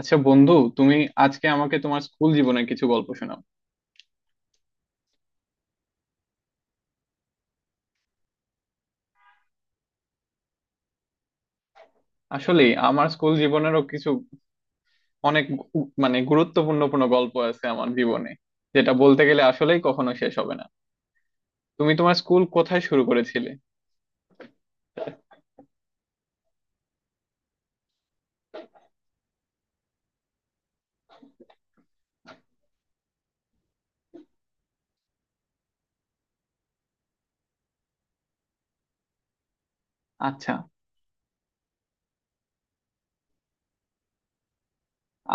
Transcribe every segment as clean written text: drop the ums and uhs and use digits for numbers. আচ্ছা বন্ধু, তুমি আজকে আমাকে তোমার স্কুল জীবনের কিছু গল্প শোনাও। আসলে আমার স্কুল জীবনেরও কিছু অনেক মানে গুরুত্বপূর্ণ কোনো গল্প আছে আমার জীবনে, যেটা বলতে গেলে আসলেই কখনো শেষ হবে না। তুমি তোমার স্কুল কোথায় শুরু করেছিলে? আচ্ছা,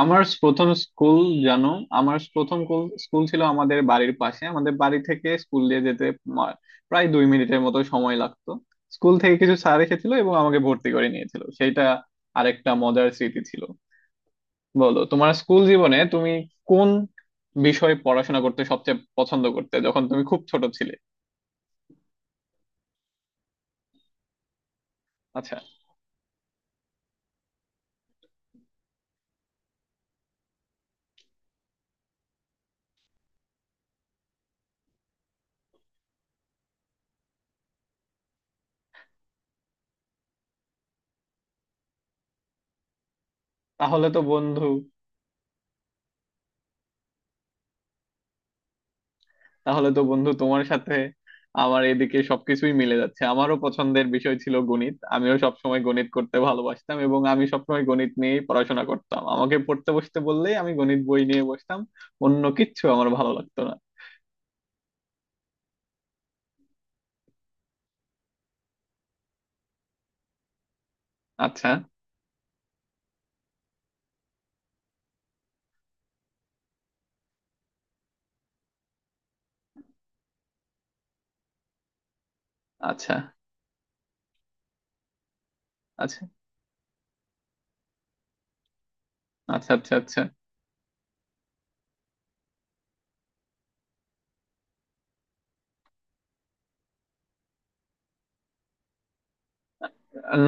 আমার প্রথম স্কুল। জানো, আমার প্রথম স্কুল ছিল আমাদের বাড়ির পাশে। আমাদের বাড়ি থেকে স্কুল দিয়ে যেতে মা- প্রায় 2 মিনিটের মতো সময় লাগতো। স্কুল থেকে কিছু স্যার এসেছিল এবং আমাকে ভর্তি করে নিয়েছিল, সেটা আরেকটা মজার স্মৃতি ছিল। বলো, তোমার স্কুল জীবনে তুমি কোন বিষয়ে পড়াশোনা করতে সবচেয়ে পছন্দ করতে যখন তুমি খুব ছোট ছিলে? আচ্ছা। তাহলে তো বন্ধু তাহলে তো বন্ধু তোমার সাথে আমার এদিকে সবকিছুই মিলে যাচ্ছে। আমারও পছন্দের বিষয় ছিল গণিত, আমিও সবসময় গণিত করতে ভালোবাসতাম এবং আমি সবসময় গণিত নিয়েই পড়াশোনা করতাম। আমাকে পড়তে বসতে বললেই আমি গণিত বই নিয়ে বসতাম, অন্য কিচ্ছু আমার ভালো লাগতো না। আচ্ছা আচ্ছা আচ্ছা, আচ্ছা আচ্ছা আচ্ছা।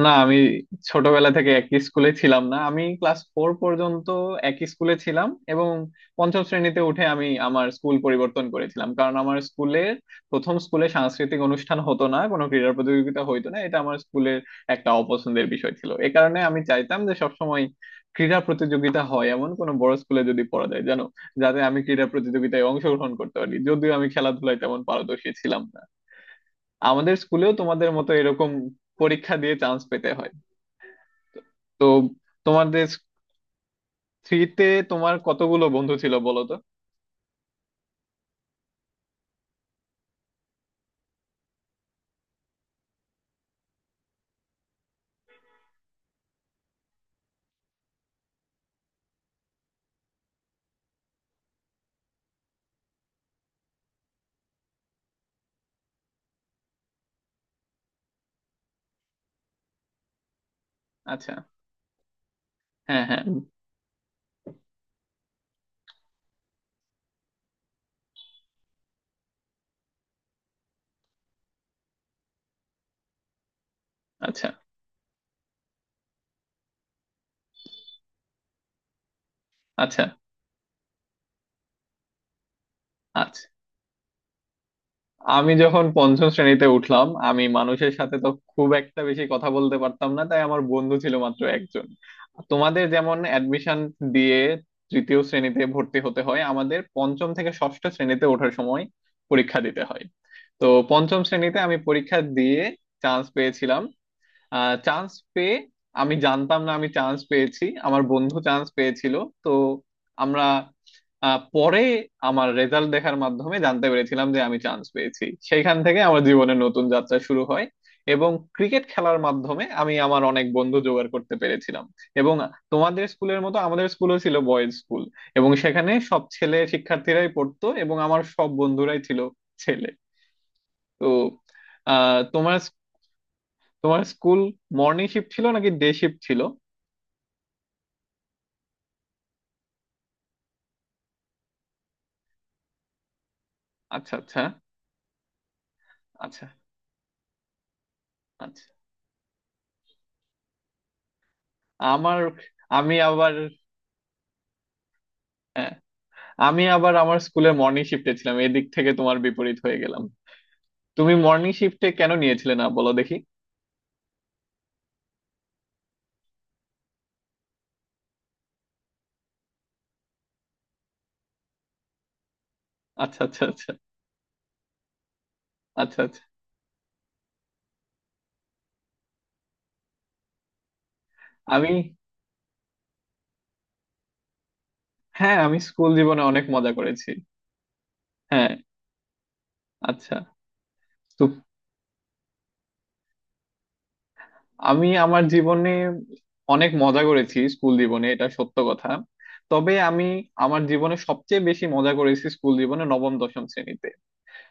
না, আমি ছোটবেলা থেকে একই স্কুলে ছিলাম না। আমি ক্লাস ফোর পর্যন্ত একই স্কুলে ছিলাম এবং পঞ্চম শ্রেণীতে উঠে আমি আমার স্কুল পরিবর্তন করেছিলাম, কারণ আমার স্কুলের প্রথম স্কুলে সাংস্কৃতিক অনুষ্ঠান হতো না, কোনো ক্রীড়া প্রতিযোগিতা হইতো না। এটা আমার স্কুলের একটা অপছন্দের বিষয় ছিল। এ কারণে আমি চাইতাম যে সবসময় ক্রীড়া প্রতিযোগিতা হয় এমন কোনো বড় স্কুলে যদি পড়া যায়, জানো, যাতে আমি ক্রীড়া প্রতিযোগিতায় অংশগ্রহণ করতে পারি, যদিও আমি খেলাধুলায় তেমন পারদর্শী ছিলাম না। আমাদের স্কুলেও তোমাদের মতো এরকম পরীক্ষা দিয়ে চান্স পেতে হয়। তো তোমাদের থ্রিতে তোমার কতগুলো বন্ধু ছিল, বলো তো? আচ্ছা। হ্যাঁ, হ্যাঁ। আচ্ছা আচ্ছা আচ্ছা। আমি যখন পঞ্চম শ্রেণীতে উঠলাম আমি মানুষের সাথে তো খুব একটা বেশি কথা বলতে পারতাম না, তাই আমার বন্ধু ছিল মাত্র একজন। তোমাদের যেমন অ্যাডমিশন দিয়ে তৃতীয় শ্রেণীতে ভর্তি হতে হয়, আমাদের পঞ্চম থেকে ষষ্ঠ শ্রেণীতে ওঠার সময় পরীক্ষা দিতে হয়। তো পঞ্চম শ্রেণীতে আমি পরীক্ষা দিয়ে চান্স পেয়েছিলাম। চান্স পেয়ে আমি জানতাম না আমি চান্স পেয়েছি, আমার বন্ধু চান্স পেয়েছিল। তো আমরা পরে আমার রেজাল্ট দেখার মাধ্যমে জানতে পেরেছিলাম যে আমি চান্স পেয়েছি। সেইখান থেকে আমার জীবনের নতুন যাত্রা শুরু হয় এবং ক্রিকেট খেলার মাধ্যমে আমি আমার অনেক বন্ধু জোগাড় করতে পেরেছিলাম। এবং তোমাদের স্কুলের মতো আমাদের স্কুলও ছিল বয়েজ স্কুল এবং সেখানে সব ছেলে শিক্ষার্থীরাই পড়তো এবং আমার সব বন্ধুরাই ছিল ছেলে। তো তোমার, তোমার স্কুল মর্নিং শিফট ছিল নাকি ডে শিফট ছিল? আচ্ছা আচ্ছা, আচ্ছা আচ্ছা। আমার আমি আবার হ্যাঁ, আমি আবার আমার স্কুলে মর্নিং শিফটে ছিলাম, এদিক থেকে তোমার বিপরীত হয়ে গেলাম। তুমি মর্নিং শিফটে কেন নিয়েছিলে না, বলো দেখি? আচ্ছা আচ্ছা আচ্ছা, আচ্ছা আচ্ছা। আমি। হ্যাঁ, আমি স্কুল জীবনে অনেক মজা করেছি। হ্যাঁ। আচ্ছা। তো আমি আমার জীবনে অনেক মজা করেছি, স্কুল জীবনে, এটা সত্য কথা। তবে আমি আমার জীবনে সবচেয়ে বেশি মজা করেছি স্কুল জীবনে নবম দশম শ্রেণীতে।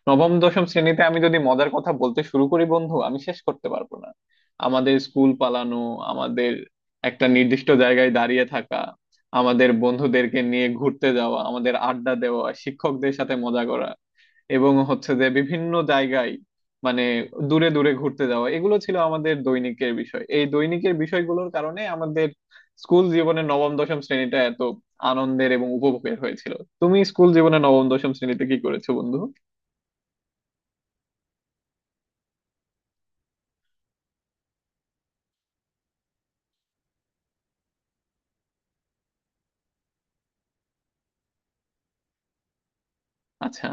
নবম দশম শ্রেণীতে আমি যদি মজার কথা বলতে শুরু করি বন্ধু, আমি শেষ করতে পারবো না। আমাদের স্কুল পালানো, আমাদের একটা নির্দিষ্ট জায়গায় দাঁড়িয়ে থাকা, আমাদের বন্ধুদেরকে নিয়ে ঘুরতে যাওয়া, আমাদের আড্ডা দেওয়া, শিক্ষকদের সাথে মজা করা এবং হচ্ছে যে বিভিন্ন জায়গায়, মানে দূরে দূরে ঘুরতে যাওয়া, এগুলো ছিল আমাদের দৈনিকের বিষয়। এই দৈনিকের বিষয়গুলোর কারণে আমাদের স্কুল জীবনে নবম দশম শ্রেণীটা এত আনন্দের এবং উপভোগের হয়েছিল। তুমি স্কুল জীবনে নবম দশম শ্রেণীতে কি করেছো বন্ধু? আচ্ছা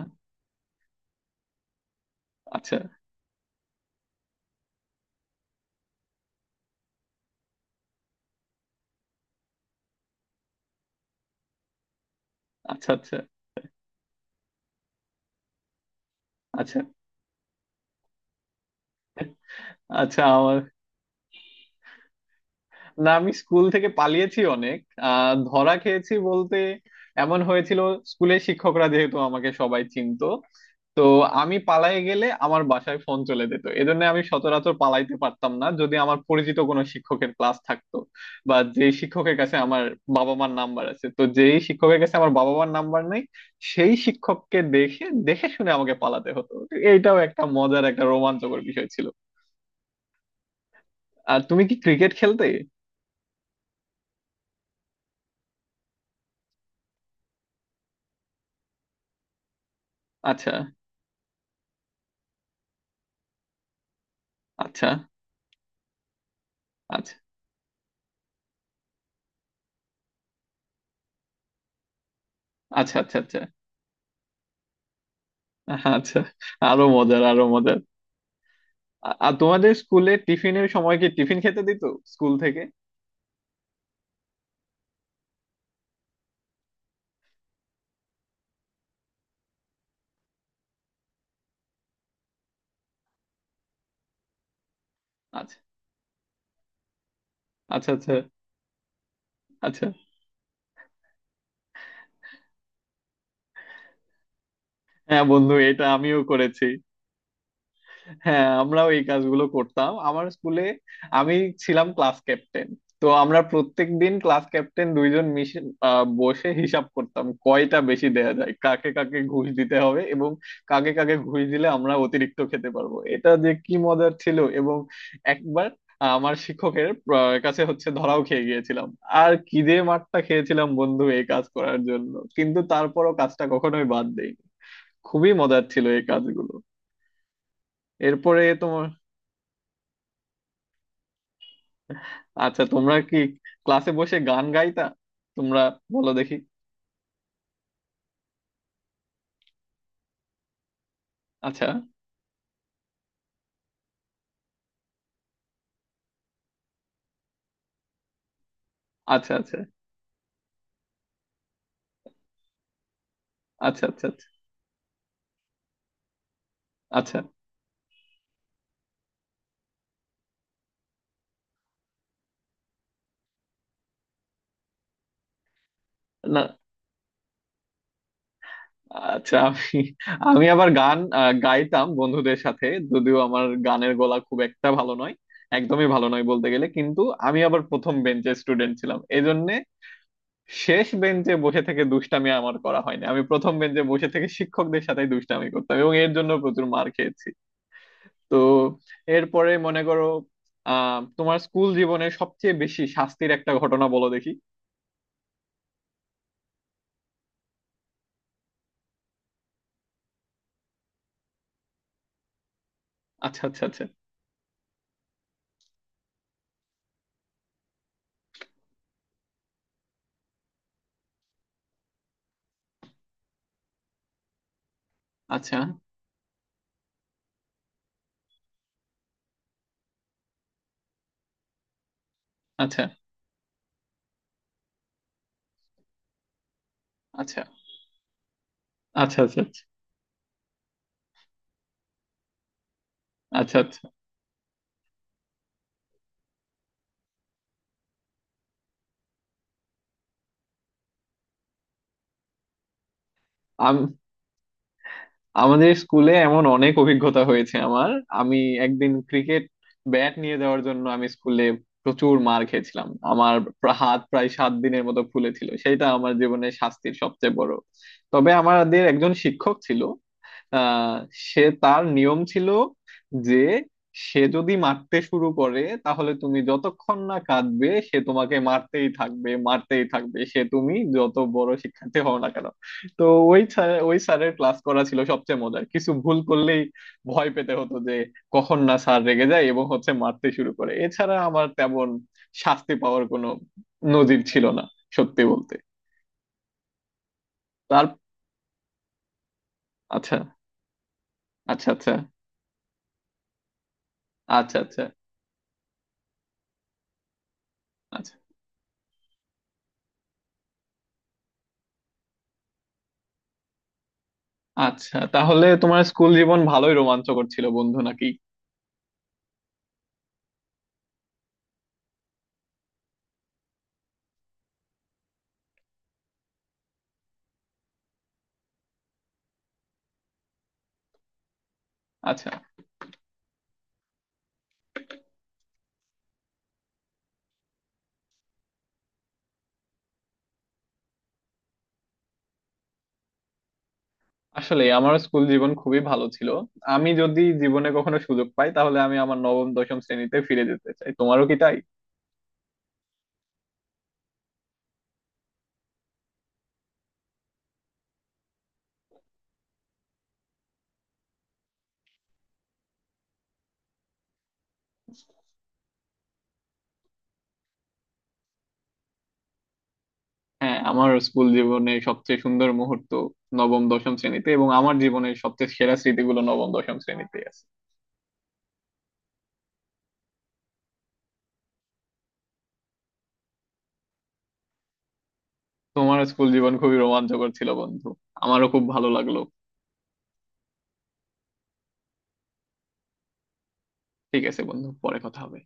আচ্ছা আচ্ছা, আচ্ছা আচ্ছা আচ্ছা। আমার। না, আমি স্কুল থেকে পালিয়েছি অনেক। ধরা খেয়েছি বলতে এমন হয়েছিল, স্কুলের শিক্ষকরা যেহেতু আমাকে সবাই চিনতো, তো আমি পালাই গেলে আমার বাসায় ফোন চলে যেত, এজন্য আমি সচরাচর পালাইতে পারতাম না যদি আমার পরিচিত কোনো শিক্ষকের ক্লাস থাকতো। বা যেই শিক্ষকের কাছে আমার বাবা মার নাম্বার আছে, তো যেই শিক্ষকের কাছে আমার বাবা মার নাম্বার নেই সেই শিক্ষককে দেখে দেখে শুনে আমাকে পালাতে হতো। এইটাও একটা মজার একটা রোমাঞ্চকর বিষয় ছিল। আর তুমি কি ক্রিকেট খেলতে? আচ্ছা আচ্ছা আচ্ছা, আচ্ছা আচ্ছা আচ্ছা। আহা, আচ্ছা। আরো মজার, আরো মজার। আর তোমাদের স্কুলে টিফিনের সময় কি টিফিন খেতে দিত স্কুল থেকে? আচ্ছা আচ্ছা আচ্ছা আচ্ছা। হ্যাঁ বন্ধু, এটা আমিও করেছি। হ্যাঁ, আমরাও এই কাজগুলো করতাম আমার স্কুলে। আমি ছিলাম ক্লাস ক্যাপ্টেন। তো আমরা প্রত্যেক দিন ক্লাস ক্যাপ্টেন 2 জন মিশে বসে হিসাব করতাম কয়টা বেশি দেয়া যায়, কাকে কাকে ঘুষ দিতে হবে এবং কাকে কাকে ঘুষ দিলে আমরা অতিরিক্ত খেতে পারবো, এটা যে কি মজার ছিল। এবং একবার আমার শিক্ষকের কাছে হচ্ছে ধরাও খেয়ে গিয়েছিলাম, আর কি যে মারটা খেয়েছিলাম বন্ধু এই কাজ করার জন্য, কিন্তু তারপরও কাজটা কখনোই বাদ দেইনি। খুবই মজার ছিল এই কাজগুলো। এরপরে তোমার। আচ্ছা, তোমরা কি ক্লাসে বসে গান গাইতা তোমরা, বলো দেখি? আচ্ছা আচ্ছা আচ্ছা, আচ্ছা আচ্ছা আচ্ছা আচ্ছা। না। আচ্ছা, আমি আমি আবার গান গাইতাম বন্ধুদের সাথে, যদিও আমার গানের গলা খুব একটা ভালো নয়, একদমই ভালো নয় বলতে গেলে। কিন্তু আমি আবার প্রথম বেঞ্চের স্টুডেন্ট ছিলাম, এজন্যে শেষ বেঞ্চে বসে থেকে দুষ্টামি আমার করা হয়নি। আমি প্রথম বেঞ্চে বসে থেকে শিক্ষকদের সাথে দুষ্টামি করতাম এবং এর জন্য প্রচুর মার খেয়েছি। তো এরপরে মনে করো তোমার স্কুল জীবনে সবচেয়ে বেশি শাস্তির একটা ঘটনা বলো দেখি। আচ্ছা আচ্ছা আচ্ছা আচ্ছা, আচ্ছা আচ্ছা আচ্ছা আচ্ছা আচ্ছা আচ্ছা। আম- আমাদের স্কুলে এমন অনেক অভিজ্ঞতা হয়েছে আমার। আমি একদিন ক্রিকেট ব্যাট নিয়ে যাওয়ার জন্য আমি স্কুলে প্রচুর মার খেয়েছিলাম। আমার হাত প্রায় 7 দিনের মতো ফুলেছিল, সেটা আমার জীবনের শাস্তির সবচেয়ে বড়। তবে আমাদের একজন শিক্ষক ছিল, আহ সে, তার নিয়ম ছিল যে সে যদি মারতে শুরু করে তাহলে তুমি যতক্ষণ না কাঁদবে সে তোমাকে মারতেই থাকবে, মারতেই থাকবে সে, তুমি যত বড় শিক্ষার্থী হও না কেন। তো ওই স্যারের ক্লাস করা ছিল সবচেয়ে মজার। কিছু ভুল করলেই ভয় পেতে হতো যে কখন না স্যার রেগে যায় এবং হচ্ছে মারতে শুরু করে। এছাড়া আমার তেমন শাস্তি পাওয়ার কোনো নজির ছিল না, সত্যি বলতে। তার। আচ্ছা আচ্ছা আচ্ছা, আচ্ছা আচ্ছা আচ্ছা আচ্ছা। তাহলে তোমার স্কুল জীবন ভালোই রোমাঞ্চকর ছিল বন্ধু, নাকি? আচ্ছা। আসলে আমার স্কুল জীবন খুবই ভালো ছিল। আমি যদি জীবনে কখনো সুযোগ পাই তাহলে আমি আমার নবম দশম শ্রেণীতে ফিরে যেতে চাই। তোমারও কি তাই? হ্যাঁ, আমার স্কুল জীবনে সবচেয়ে সুন্দর মুহূর্ত নবম দশম শ্রেণীতে এবং আমার জীবনের সবচেয়ে সেরা স্মৃতিগুলো নবম দশম শ্রেণীতে আছে। তোমার স্কুল জীবন খুবই রোমাঞ্চকর ছিল বন্ধু, আমারও খুব ভালো লাগলো। ঠিক আছে বন্ধু, পরে কথা হবে।